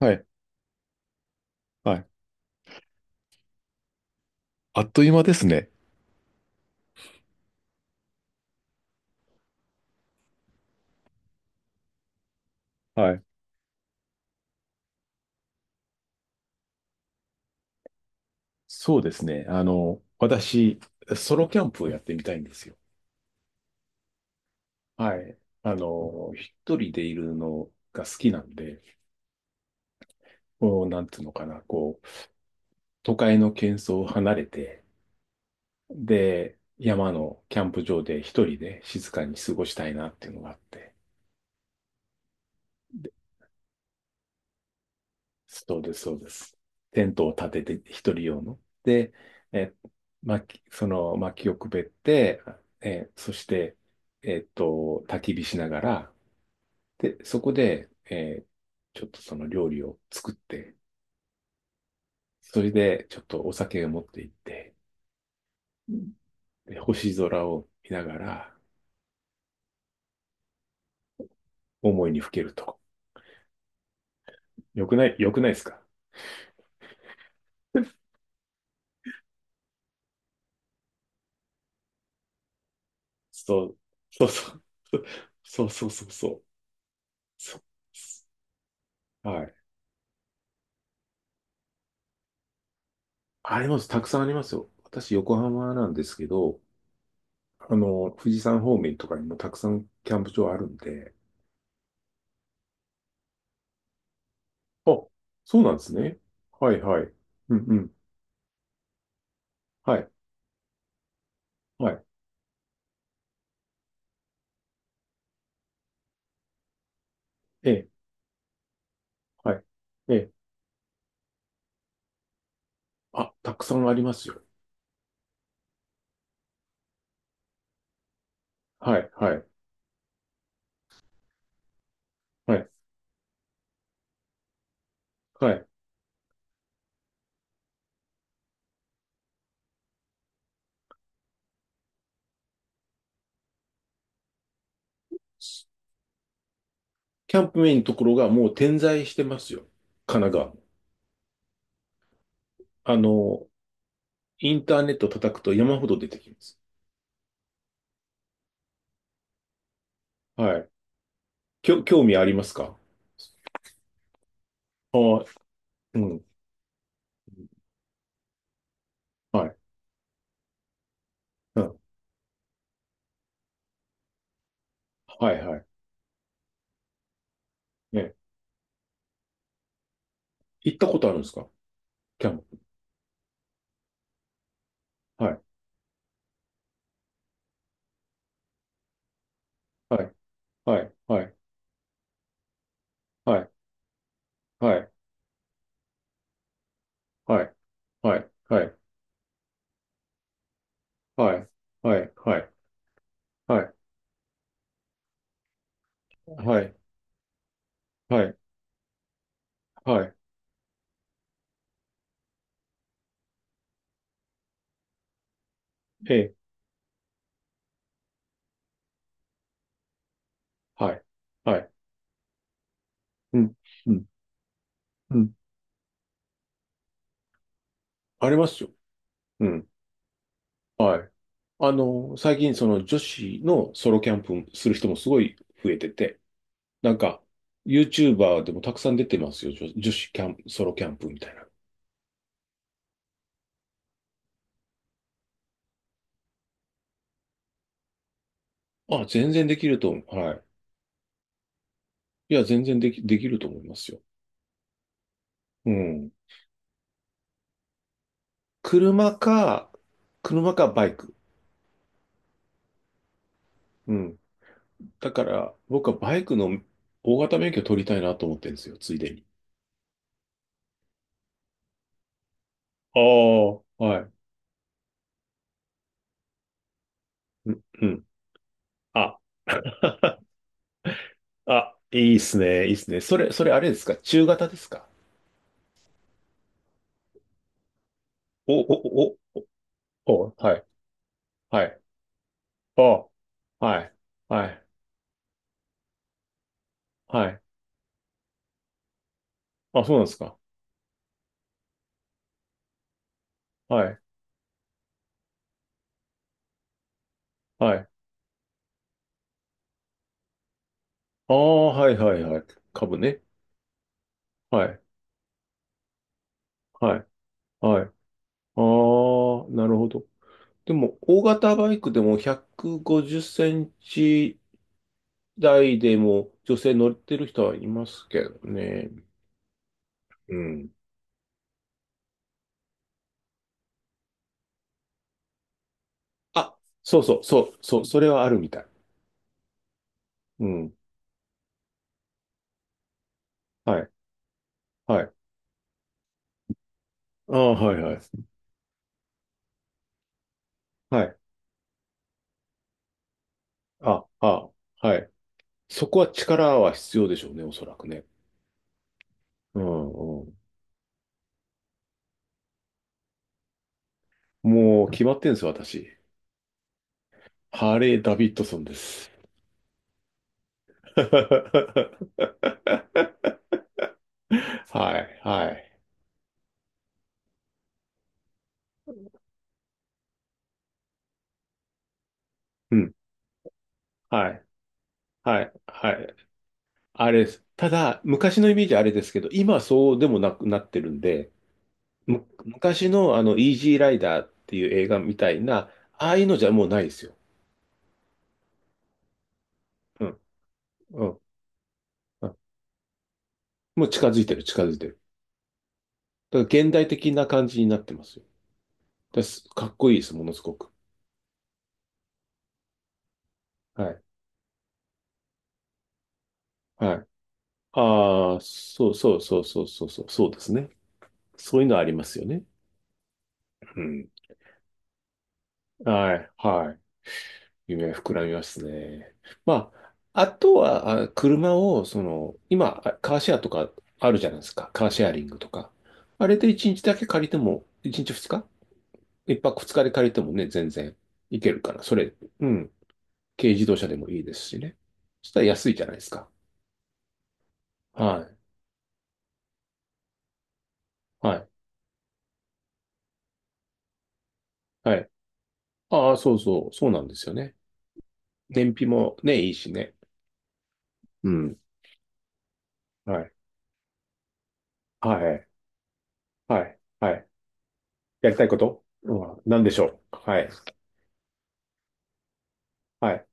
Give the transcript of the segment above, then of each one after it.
はい。はい。あっという間ですね。はい。そうですね。私、ソロキャンプをやってみたいんですよ。はい。一人でいるのが好きなんで、こう、なんつうのかな、こう、都会の喧騒を離れて、で、山のキャンプ場で一人で静かに過ごしたいなっていうのがあって。そうです、そうです。テントを立てて、一人用の。で、え、その薪をくべって、そして、焚き火しながら、で、そこで、ちょっとその料理を作って、それでちょっとお酒を持って行って、うんで、星空を見ながら、思いにふけると。よくないですか？ そう、そうそう。そうそうそうそう。そうはい。あります。たくさんありますよ。私、横浜なんですけど、富士山方面とかにもたくさんキャンプ場あるんで。あ、そうなんですね。はいはい。うんうん。はい。はい。ええ。はい。ええ。あ、たくさんありますよ。はい。はい。はい。はい。キャンプメインのところがもう点在してますよ。神奈川も。あの、インターネット叩くと山ほど出てきます。はい。興味ありますか？ああ、うん。はい。うん。はいはい。ね。行ったことあるんですか？キャンプ。はい。はい。はい。はい。はい。はい。はい。はい。はい。はい。はい。はい。はい。はい。はい。はい。ええ。はい。はい。うん。うん。うん。ありますよ。うん。はい。最近その女子のソロキャンプする人もすごい増えてて、なんか、YouTuber でもたくさん出てますよ。女子キャンプ、ソロキャンプみたいな。あ、全然できると思う。はい。いや、全然でき、できると思いますよ。うん。車か、車かバイク。うん。だから、僕はバイクの大型免許取りたいなと思ってるんですよ、ついでに。ああ、はい。うん、うん。あ、あ、いいっすね、いいっすね。それあれですか？中型ですか？お、お、お、お、はい、はい。あ、はい、はい、はい。あ、そうなんですか？はい、はい。ああ、はい、はい、はい。株ね。はい、はい、はい。ああ、なるほど。でも、大型バイクでも150センチ台でも女性乗ってる人はいますけどね。うん。あ、そうそう、そう、そう、それはあるみたい。うん。はい、はい。ああ、はい、はい。はい。あ、あ、はい。そこは力は必要でしょうね、おそらくね。うん、うん。もう決まってんですよ、私。ハーレー・ダビッドソンです。はい、はい。うん。はい、はい、はい。あれです。ただ、昔のイメージあれですけど、今はそうでもなくなってるんで、昔のイージーライダーっていう映画みたいな、ああいうのじゃもうないですよ。うん、うん、うん。もう近づいてる、近づいてる。だから現代的な感じになってますよ。だす。かっこいいです、ものすごく。はい、はい。ああ、そうそうそうそうそうそう、そうですね。そういうのありますよね。うん。はい、はい。夢は膨らみますね。まあ、あとは、車を、その、今、カーシェアとかあるじゃないですか。カーシェアリングとか。あれで1日だけ借りても、1日2日 ?1 泊2日で借りてもね、全然いけるから。それ、うん。軽自動車でもいいですしね。そしたら安いじゃないですか。はい。はい。はい。ああ、そうそう。そうなんですよね。燃費もね、いいしね。うん。はい。はい。はい。はい。やりたいことは何でしょう？はい。はい。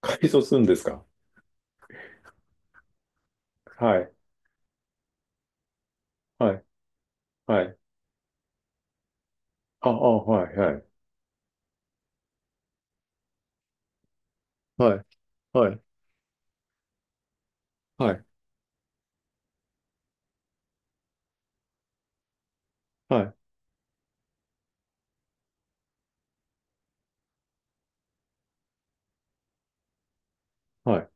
改装するんですか？はい、はい、はい。あ、あ、はい、はい、はい、はい、はい、はい、は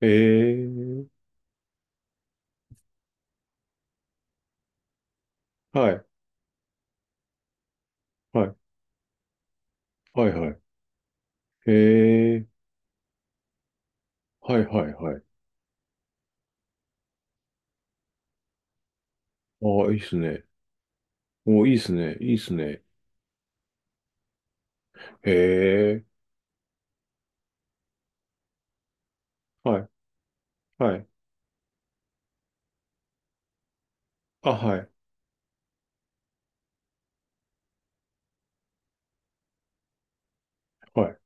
い。えー、はい、はい、はい、はい。えー、はい、はい、はい。ああ、いいっすね。お、いいっすね、いいっすね。えー、はい、はい。あ、はい、はい。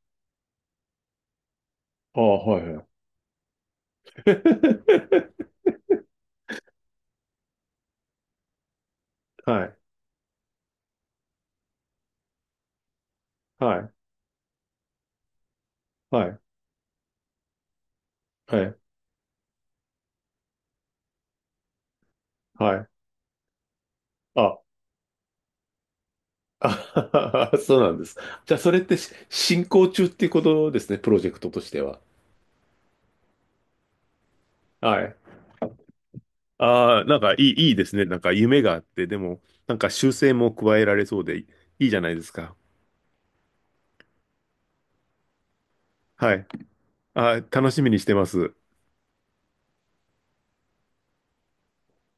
ああ、はい、はい。はい、はい、はい、はい、はい。あ、あ そうなんです。じゃあ、それってし進行中っていうことですね、プロジェクトとしては。はい。ああ、なんかいい、いいですね。なんか夢があって、でも、なんか修正も加えられそうでいいじゃないですか。はい。ああ、楽しみにしてます。